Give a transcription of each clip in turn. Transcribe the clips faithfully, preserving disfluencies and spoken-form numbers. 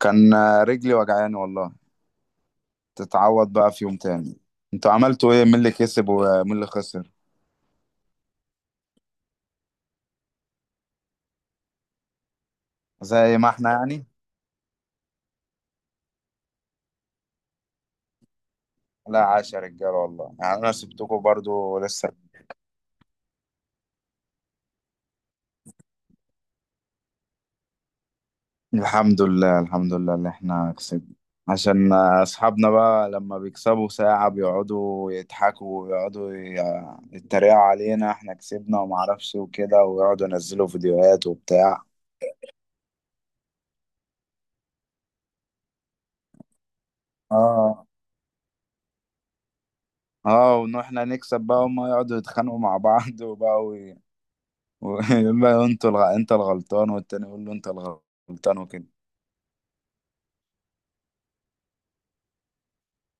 كان رجلي وجعاني والله. تتعوض بقى في يوم تاني. انتوا عملتوا ايه؟ مين اللي كسب ومين اللي خسر؟ زي ما احنا يعني. لا عاش يا رجاله والله، يعني انا سبتكم برضو لسه. الحمد لله، الحمد لله اللي احنا كسبنا. عشان اصحابنا بقى لما بيكسبوا ساعة بيقعدوا يضحكوا ويقعدوا ي- يتريقوا علينا، احنا كسبنا وما اعرفش وكده، ويقعدوا ينزلوا فيديوهات وبتاع. اه، اه، وان احنا نكسب بقى هما يقعدوا يتخانقوا مع بعض وبقى ويقول له انتوا الغ... انت الغلطان، والتاني يقول له انت الغلطان وكده.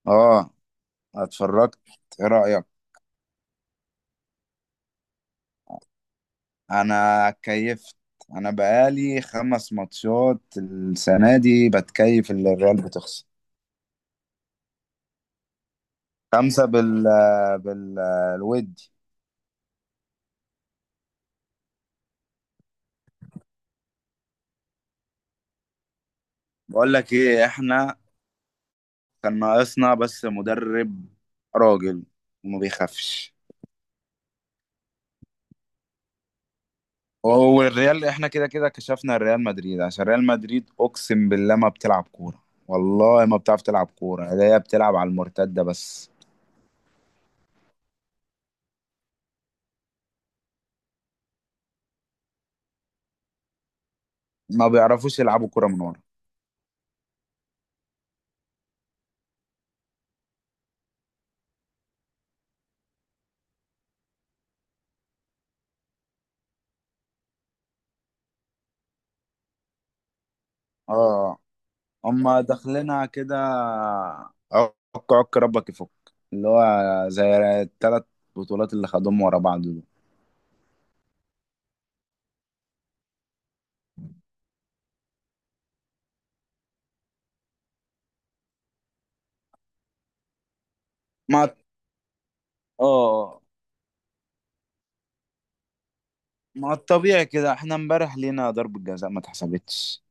اه، اتفرجت. ايه رأيك؟ انا كيفت. انا بقالي خمس ماتشات السنة دي بتكيف اللي الريال بتخسر. خمسة بال بال الودي. بقول لك ايه، احنا كان ناقصنا بس مدرب راجل وما بيخافش. هو الريال احنا كده كده كشفنا الريال مدريد، عشان ريال مدريد اقسم بالله ما بتلعب كوره، والله ما بتعرف تلعب كوره، هي بتلعب على المرتده بس. ما بيعرفوش يلعبوا كوره من ورا. اه، هما داخلينها كده عك. عك ربك يفك، اللي هو زي الثلاث بطولات اللي خدوهم ورا بعض دول. ما، اه، ما الطبيعي كده، احنا امبارح لينا ضربة جزاء ما اتحسبتش.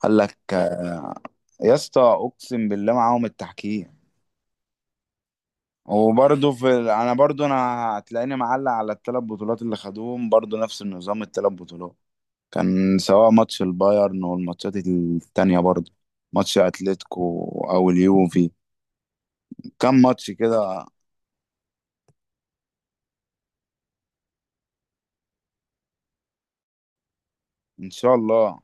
قال لك آه، يا اسطى اقسم بالله معاهم التحكيم. وبرضه في ال- انا برضه انا هتلاقيني معلق على الثلاث بطولات اللي خدوهم برضه نفس النظام، الثلاث بطولات كان سواء ماتش البايرن والماتشات التانية برضه، ماتش اتلتيكو او اليوفي، كم ماتش كده. ان شاء الله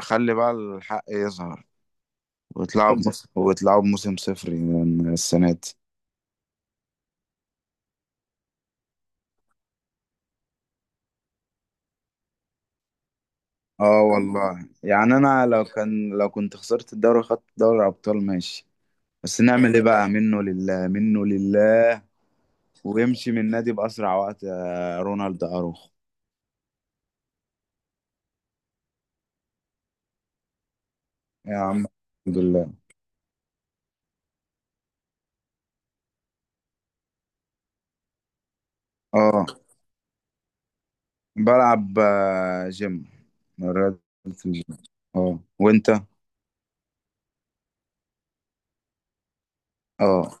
خلي بقى الحق يظهر، ويطلعوا بموسم ويطلعوا بموسم صفري من السنة دي. اه والله يعني انا لو كان لو كنت خسرت الدوري وخدت دوري ابطال ماشي. بس نعمل ايه بقى، منه لله منه لله، ويمشي من النادي بأسرع وقت يا رونالد أروخو. يا عم، الحمد لله. اه، بلعب آه، جيم، رياضة، الجيم. اه، وانت؟ اه،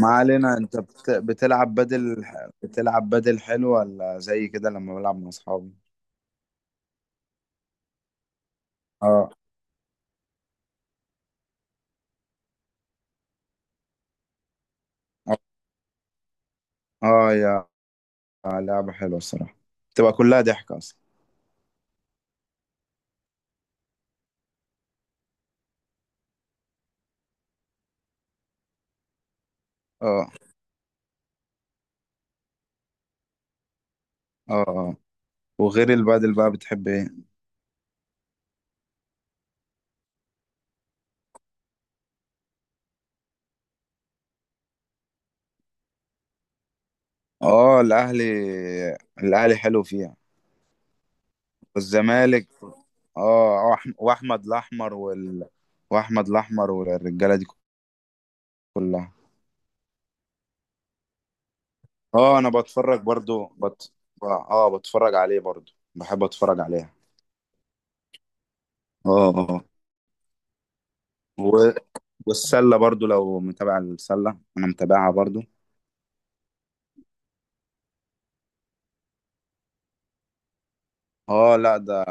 ما علينا. انت بت... بتلعب بدل؟ بتلعب بدل حلو، ولا زي كده لما بلعب مع اصحابي؟ اه، اه، آه، يا لعبة حلوة الصراحة، تبقى كلها ضحك اصلا. اه، اه، اه، وغير البدل بقى بتحب ايه؟ اه، الاهلي، الاهلي حلو فيها. والزمالك. اه، وأح- واحمد الاحمر وال... واحمد الاحمر والرجاله دي كلها. اه انا بتفرج برضو بت... اه، بتفرج عليه برضو، بحب اتفرج عليها. اه، اه، آه. و... والسله برضو، لو متابع السله انا متابعها برضو. اه لا، ده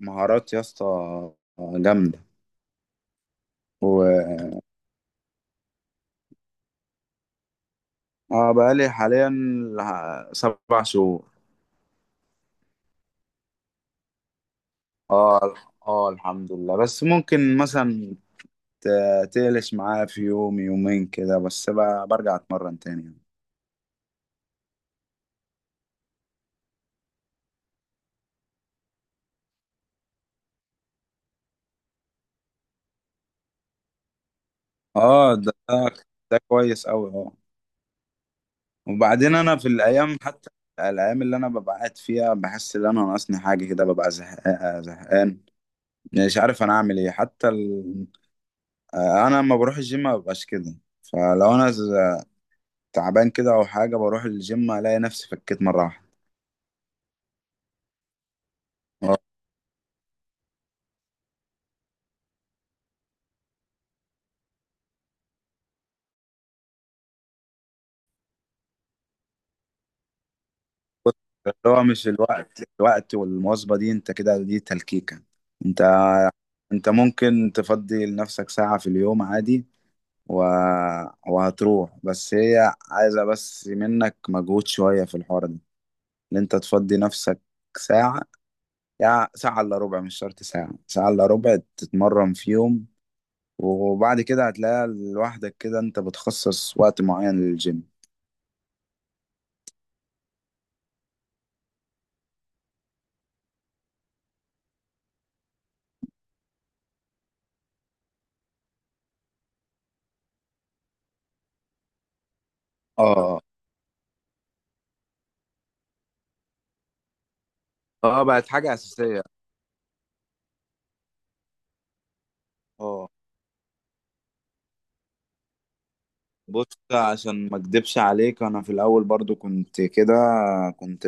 مهارات يا اسطى جامده. و... اه، بقالي حاليا ه- سبع شهور. اه، اه الحمد لله، بس ممكن مثلا تقلش معايا في يوم يومين كده، بس بقى برجع اتمرن تاني يعني. اه، ده ده ده كويس قوي، اه. وبعدين انا في الايام، حتى الايام اللي انا ببقى قاعد فيها، بحس ان انا ناقصني حاجه كده، ببقى زهقان، آه، زهقان مش عارف انا اعمل ايه، حتى ال... آه، انا لما بروح الجيم ما ببقاش كده. فلو انا ز- تعبان كده او حاجه بروح الجيم الاقي نفسي فكيت مره واحده. آه، بص، اللي هو مش الوقت، الوقت والمواظبه دي انت كده دي تلكيكه. انت انت ممكن تفضي لنفسك ساعة في اليوم عادي، و... وهتروح، بس هي عايزة بس منك مجهود شوية في الحوار ده، ان انت تفضي نفسك ساعة، يا ساعة الا ربع، مش شرط ساعة، ساعة الا ربع تتمرن فيهم، وبعد كده هتلاقي لوحدك كده انت بتخصص وقت معين للجيم. اه، اه بقت حاجة أساسية. اه، بص، عشان ما اكدبش عليك، انا في الاول برضو كنت كده، كنت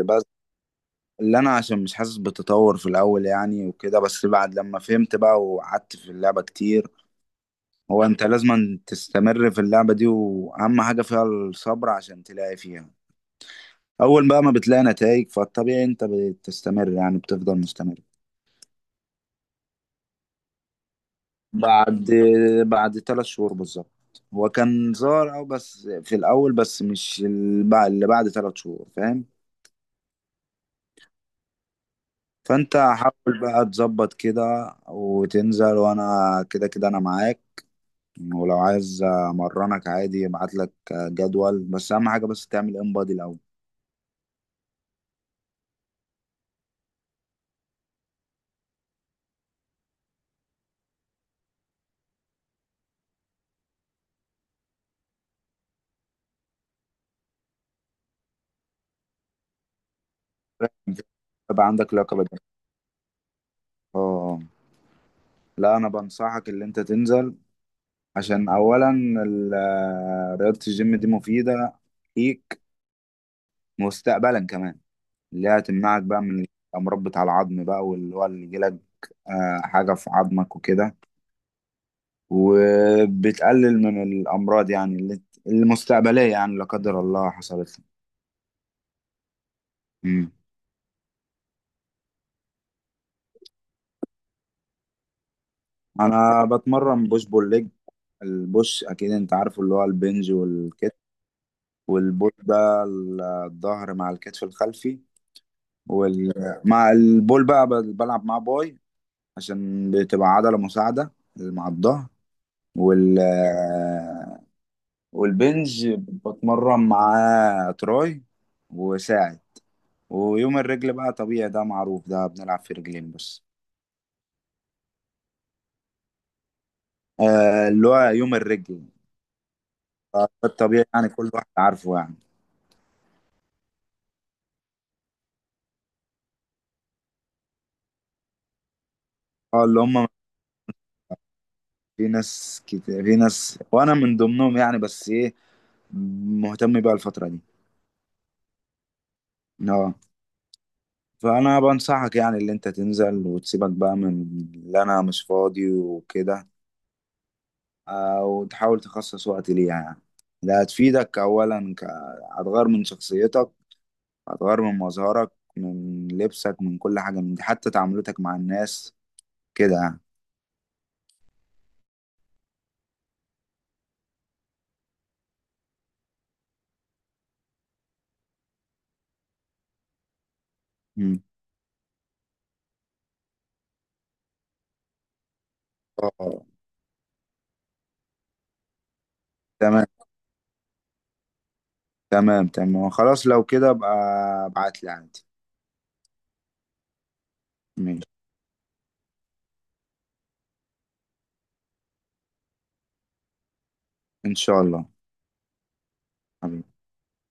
اللي انا عشان مش حاسس بتطور في الاول يعني وكده، بس بعد لما فهمت بقى وقعدت في اللعبة كتير، هو انت لازم تستمر في اللعبة دي، واهم حاجة فيها الصبر، عشان تلاقي فيها اول بقى ما بتلاقي نتائج، فالطبيعي انت بتستمر، يعني بتفضل مستمر. بعد بعد ثلاث شهور بالظبط هو كان ظاهر او بس في الاول، بس مش ال- بع- اللي بعد ثلاث شهور، فاهم. فانت حاول بقى تظبط كده وتنزل، وانا كده كده انا معاك. ولو عايز امرنك عادي، ابعت لك جدول، بس اهم حاجه بس تعمل انبادي الاول، يبقى عندك لياقه بدنيه. اه، آه. لا انا بنصحك ان انت تنزل، عشان اولا ال- رياضه الجيم دي مفيده ليك مستقبلا كمان، اللي هي هتمنعك بقى من الامراض بتاع العظم بقى، واللي هو اللي يجيلك آه، حاجه في عظمك وكده، وبتقلل من الامراض يعني، اللي اللي مستقبليه، يعني لا قدر الله حصلت لك. انا بتمرن بوش بول ليج. البوش اكيد انت عارفه، اللي هو البنج والكتف. والبول ده ال- الظهر مع الكتف الخلفي، وال... مع البول بقى ب- بلعب معاه باي، عشان بتبقى عضلة مساعدة مع الظهر. وال والبنج بتمرن معاه تراي وساعد. ويوم الرجل بقى طبيعي، ده معروف، ده بنلعب في رجلين بس. آه، اللي هو يوم الرجل. آه، ده الطبيعي يعني، كل واحد عارفه يعني. اه، اللي هم في ناس كتير، في ناس وانا من ضمنهم يعني، بس ايه، مهتم بقى الفترة دي. اه، فانا بنصحك يعني اللي انت تنزل وتسيبك بقى من اللي انا مش فاضي وكده، آه، وتحاول تخصص وقت ليها يعني، ده هتفيدك اولا ك... هتغير من شخصيتك، هتغير من مظهرك، من لبسك، من كل حاجة من دي، حتى تعاملتك مع الناس كده يعني. مم. اه، تمام، تمام، تمام، خلاص لو كده ابقى ابعت لي عادي. ماشي. ان شاء الله. حبيبي.